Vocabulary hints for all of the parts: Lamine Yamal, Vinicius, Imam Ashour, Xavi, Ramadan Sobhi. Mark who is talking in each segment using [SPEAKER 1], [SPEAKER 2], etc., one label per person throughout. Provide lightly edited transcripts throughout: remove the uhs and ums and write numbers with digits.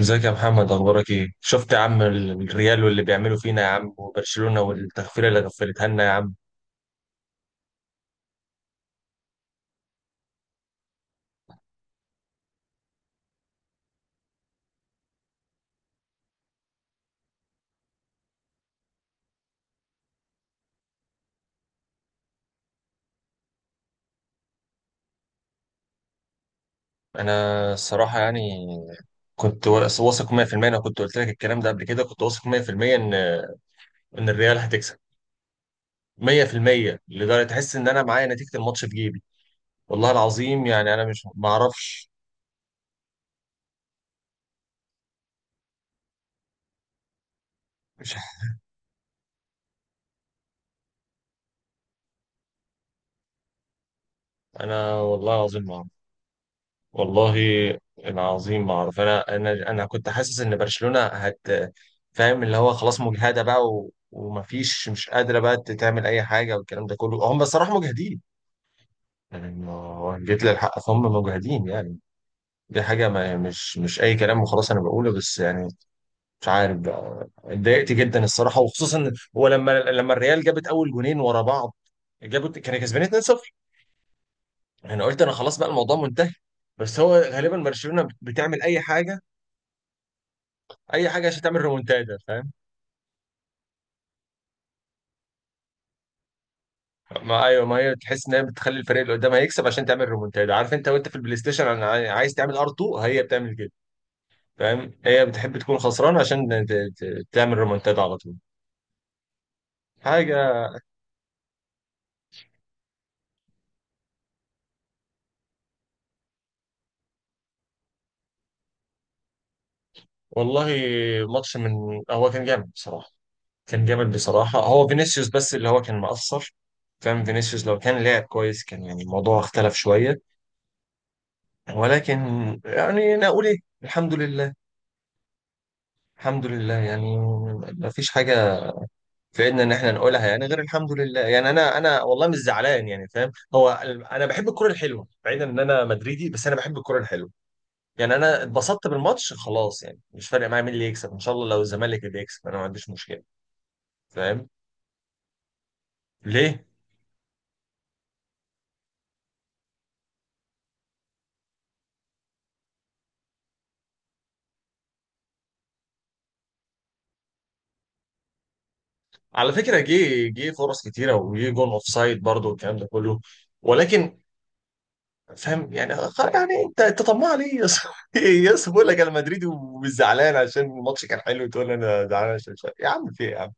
[SPEAKER 1] ازيك يا محمد، اخبارك ايه؟ شفت يا عم الريال واللي بيعملوا فينا يا عم، وبرشلونة والتغفيله اللي غفلتها لنا يا عم. انا الصراحه يعني كنت واثق 100%، انا كنت قلت لك الكلام ده قبل كده، كنت واثق 100% ان الريال هتكسب 100%، لدرجه تحس ان انا معايا نتيجه الماتش في جيبي. والله العظيم يعني انا مش ما اعرفش. مش ح- انا والله العظيم ما أعرف. والله العظيم ما اعرف، انا انا كنت حاسس ان برشلونة فاهم، اللي هو خلاص مجهدة بقى و... ومفيش، مش قادرة بقى تعمل اي حاجة، والكلام ده كله، هم بصراحة مجهدين يعني، ما هو جيت للحق فهم مجهدين يعني. دي حاجة، ما مش مش اي كلام وخلاص انا بقوله، بس يعني مش عارف بقى، اتضايقت جدا الصراحة، وخصوصا هو لما الريال جابت اول جونين ورا بعض، جابوا كانوا كسبانين 2-0. انا قلت انا خلاص بقى الموضوع منتهي، بس هو غالبا برشلونة بتعمل اي حاجة، اي حاجه عشان تعمل ريمونتادا، فاهم. ما ايوه، ما هي تحس ان هي بتخلي الفريق اللي قدام هيكسب عشان تعمل ريمونتادا، عارف انت وانت في البلاي ستيشن، انا عايز تعمل ار 2 هي بتعمل كده. فاهم، هي بتحب تكون خسران عشان تعمل ريمونتادا على طول. حاجه، والله ماتش من، هو كان جامد بصراحه، كان جامد بصراحه، هو فينيسيوس بس اللي هو كان مقصر. فاهم، فينيسيوس لو كان لعب كويس كان يعني الموضوع اختلف شويه، ولكن يعني انا اقول ايه؟ الحمد لله، الحمد لله يعني، ما فيش حاجه في ايدنا ان احنا نقولها يعني غير الحمد لله. يعني انا، انا والله مش زعلان يعني، فاهم، هو انا بحب الكرة الحلوة، بعيدا ان انا مدريدي، بس انا بحب الكرة الحلوة. يعني انا اتبسطت بالماتش خلاص، يعني مش فارق معايا مين اللي يكسب، ان شاء الله لو الزمالك اللي يكسب انا ما عنديش مشكلة. فاهم، ليه؟ على فكرة جه فرص كتيرة، وجه جون اوف سايد برضه، والكلام ده كله، ولكن فاهم يعني، يعني انت طماع ليه يا اسطى؟ يا اسطى، بقول لك انا مدريدي ومش زعلان عشان الماتش كان حلو، تقول انا زعلان عشان مش عارف. يا عم في إيه يا عم؟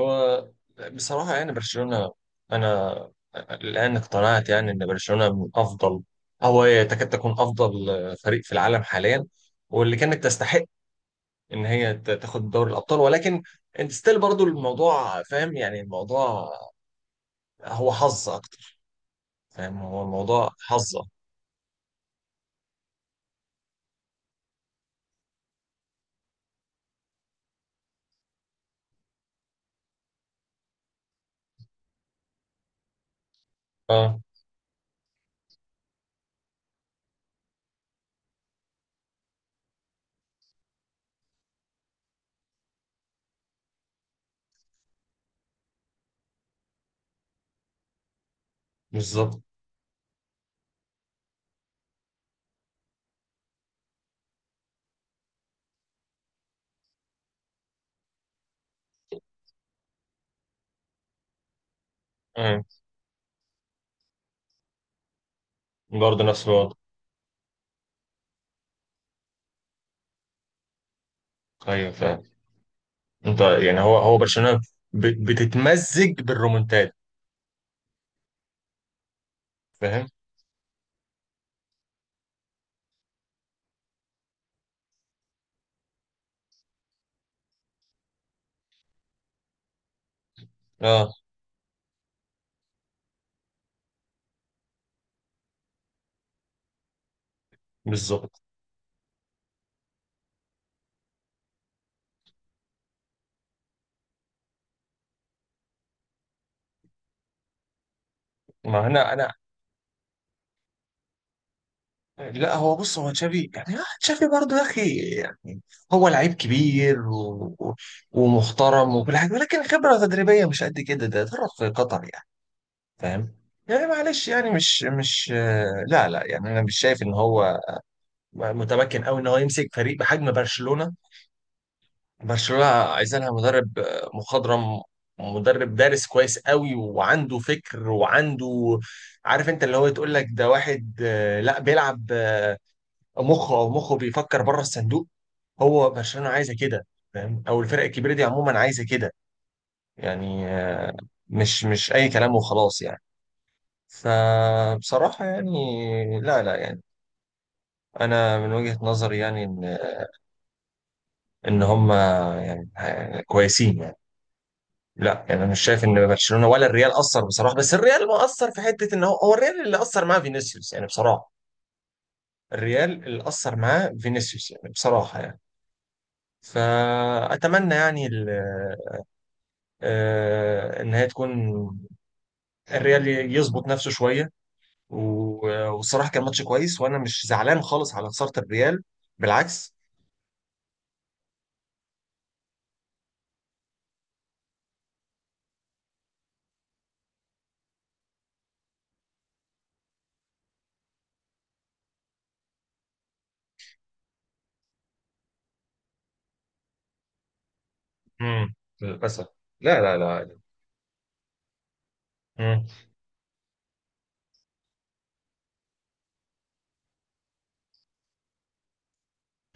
[SPEAKER 1] هو بصراحة يعني برشلونة، أنا الآن اقتنعت يعني إن برشلونة من أفضل، أو هي تكاد تكون أفضل فريق في العالم حاليا، واللي كانت تستحق إن هي تاخد دوري الأبطال، ولكن أنت ستيل برضو الموضوع. فاهم، يعني الموضوع هو حظ أكتر، فاهم، هو الموضوع حظة. أه بالظبط. أه برضه نفس الوضع. أيوه فاهم، أنت يعني هو برشلونة بتتمزج بالرومنتاد، فاهم. أه بالظبط. ما هنا انا، لا هو بص، هو تشافي يعني، تشافي برضه يا اخي يعني، هو لعيب كبير و... و- ومحترم وكل حاجه، ولكن خبره تدريبيه مش قد كده، ده درب في قطر يعني، فاهم. يعني معلش يعني مش مش آه، لا لا يعني انا مش شايف ان هو متمكن قوي ان هو يمسك فريق بحجم برشلونه. برشلونه عايز لها مدرب مخضرم، مدرب دارس كويس قوي، وعنده فكر وعنده، عارف انت اللي هو تقول لك ده واحد، لا بيلعب مخه، او مخه بيفكر بره الصندوق. هو برشلونه عايزه كده، فاهم، او الفرق الكبيره دي عموما عايزه كده. يعني مش اي كلام وخلاص يعني. فبصراحه يعني لا لا، يعني انا من وجهه نظري يعني ان هم يعني كويسين يعني. لا يعني انا مش شايف ان برشلونه ولا الريال اثر بصراحه، بس الريال ما اثر في حته ان هو، الريال اللي اثر معاه فينيسيوس يعني بصراحه، الريال اللي اثر معاه فينيسيوس يعني بصراحه يعني. فاتمنى يعني ان هي تكون، الريال يظبط نفسه شويه، و- والصراحه كان ماتش كويس، وانا مش زعلان خالص على خساره الريال، بالعكس. امم للاسف. لا لا لا. مم.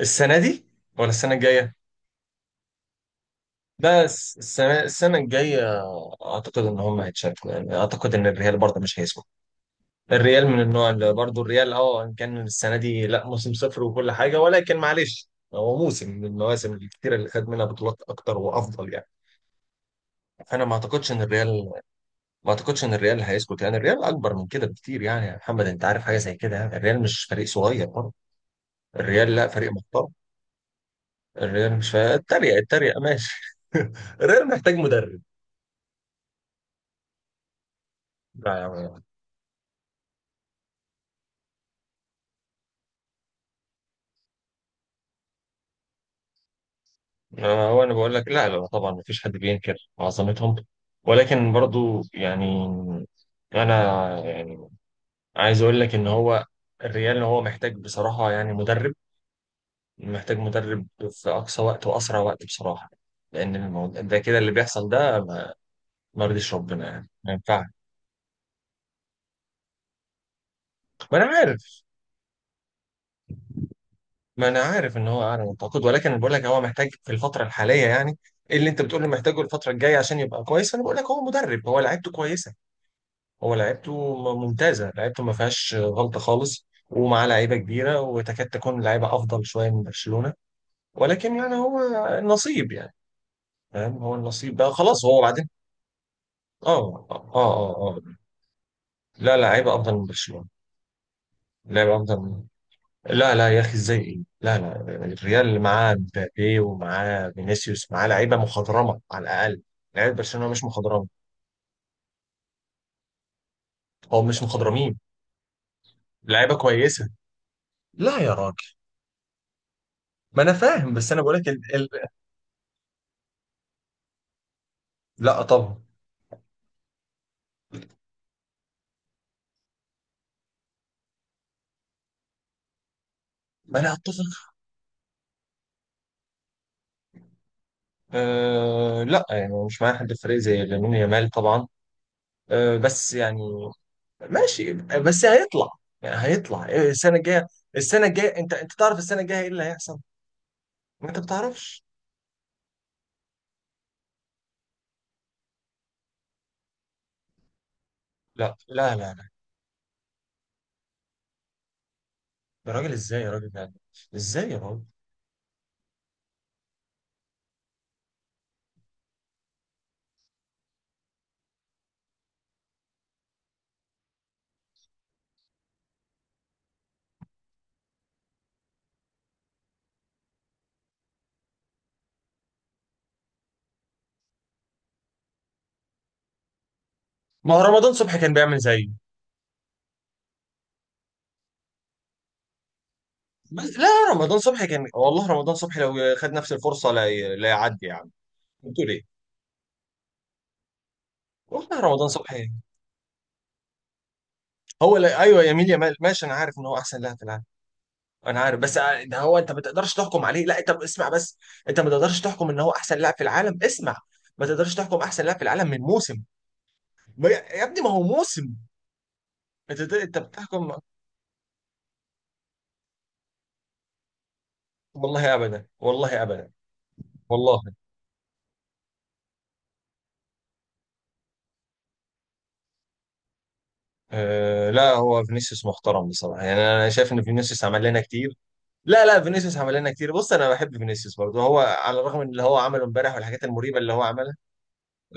[SPEAKER 1] السنه دي ولا السنه الجايه؟ بس السنه الجايه، اعتقد ان هم هيتشاركوا يعني، اعتقد ان الريال برضه مش هيسكت. الريال من النوع اللي برضه، الريال إن كان السنه دي لا موسم صفر وكل حاجه، ولكن معلش، هو موسم من المواسم الكتيره اللي خد منها بطولات اكتر وافضل يعني. انا ما اعتقدش ان الريال، ما اعتقدش ان الريال هيسكت، يعني الريال اكبر من كده بكتير يعني، يا محمد انت عارف حاجه زي كده يعني، الريال مش فريق صغير برضه، الريال لا فريق محترم. الريال مش اتريق، اتريق، ماشي. الريال محتاج مدرب. لا يعني، هو انا بقول لك، لا لا طبعا ما فيش حد بينكر عظمتهم، ولكن برضو يعني، انا يعني عايز اقول لك ان هو، الريال هو محتاج بصراحه يعني مدرب، محتاج مدرب في أقصى وقت وأسرع وقت بصراحة، لأن الموضوع ده كده اللي بيحصل ده، ما يرضيش ربنا يعني، ما ينفعش. ما أنا عارف، ما أنا عارف إن هو أعلى من التعاقد، ولكن أنا بقول لك هو محتاج في الفترة الحالية يعني، إيه اللي أنت بتقول له محتاجه الفترة الجاية عشان يبقى كويس؟ أنا بقول لك هو مدرب، هو لعيبته كويسة، هو لعيبته ممتازة، لعيبته ما فيهاش غلطة خالص، ومعاه لعيبة كبيرة، وتكاد تكون لعيبة أفضل شوية من برشلونة، ولكن يعني هو النصيب يعني، فاهم، هو النصيب بقى خلاص، هو بعدين. اه اه اه اه. لا لا، لعيبه افضل من برشلونه. لعيبه افضل من، لا لا يا اخي، ازاي ايه؟ لا لا، الريال اللي معاه مبابي ومعاه فينيسيوس، معاه لعيبه مخضرمه على الاقل، لعيبه برشلونه مش مخضرمه، او مش مخضرمين. لعيبه كويسه، لا يا راجل. ما انا فاهم بس انا بقول لك لا طبعا، ما انا اتفق. أه لا يعني مش معايا حد في الفريق زي لامين يامال طبعا، أه بس يعني، ماشي بس هيطلع، يعني هيطلع السنه الجايه. السنه الجايه، انت تعرف السنه الجايه ايه اللي هيحصل؟ ما انت بتعرفش. لا لا لا لا، يا راجل ازاي يا راجل ده، ازاي يا راجل؟ ما هو رمضان صبحي كان بيعمل زيه. بس لا رمضان صبحي كان، والله رمضان صبحي لو خد نفس الفرصه لا لا يعدي يا عم. بتقول ايه؟ والله رمضان صبحي. هو لا، ايوه يا ميل يا مال ماشي، انا عارف ان هو احسن لاعب في العالم، انا عارف بس، ده هو انت ما تقدرش تحكم عليه، لا انت اسمع بس، انت ما تقدرش تحكم ان هو احسن لاعب في العالم، اسمع، ما تقدرش تحكم احسن لاعب في العالم من موسم، يا ابني ما هو موسم، انت بتحكم. والله ابدا، والله ابدا، والله أه لا هو فينيسيوس محترم بصراحه، يعني انا شايف ان فينيسيوس عمل لنا كتير، لا لا فينيسيوس عمل لنا كتير، بص انا بحب فينيسيوس برضه، هو على الرغم من اللي هو عمله امبارح والحاجات المريبه اللي هو عملها.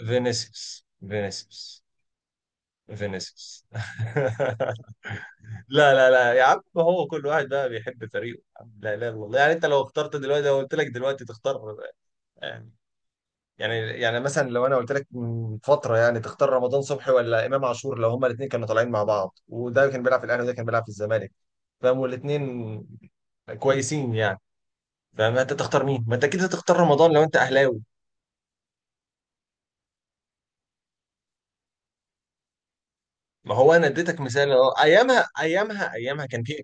[SPEAKER 1] فينيسيوس. فينيسيوس. فينيسيوس. لا لا لا يا عم، هو كل واحد بقى بيحب فريقه. لا لا والله، يعني انت لو اخترت دلوقتي، لو قلت لك دلوقتي تختار، آه، يعني مثلا، لو انا قلت لك من فتره يعني تختار رمضان صبحي ولا امام عاشور، لو هما الاثنين كانوا طالعين مع بعض، وده كان بيلعب في الاهلي وده كان بيلعب في الزمالك، فاهم، والاثنين كويسين يعني، فما انت تختار مين؟ ما انت كده تختار رمضان لو انت اهلاوي. ما هو انا اديتك مثال اهو، ايامها كان في إيه؟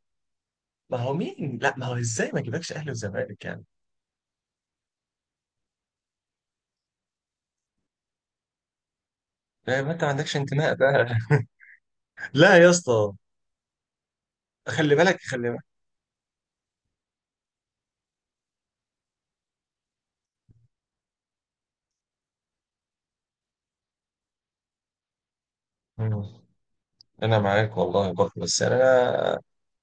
[SPEAKER 1] ما هو مين؟ لا ما هو ازاي ما جيبكش اهلي وزمالك يعني؟ لا ما انت ما عندكش انتماء بقى. لا يا اسطى، خلي بالك خلي بالك. مم. انا معاك والله برضه، بس انا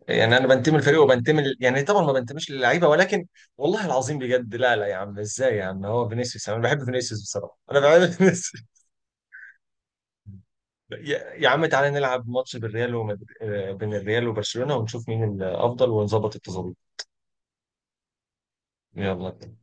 [SPEAKER 1] يعني انا بنتمي للفريق وبنتمي يعني طبعا ما بنتميش للعيبه، ولكن والله العظيم بجد، لا لا يا عم، ازاي يا عم؟ هو فينيسيوس، انا بحب فينيسيوس بصراحه، انا بحب فينيسيوس. يا عم تعالى نلعب ماتش بالريال، ومد... آه، بين الريال وبرشلونه، ونشوف مين الافضل ونظبط التظابيط. يلا.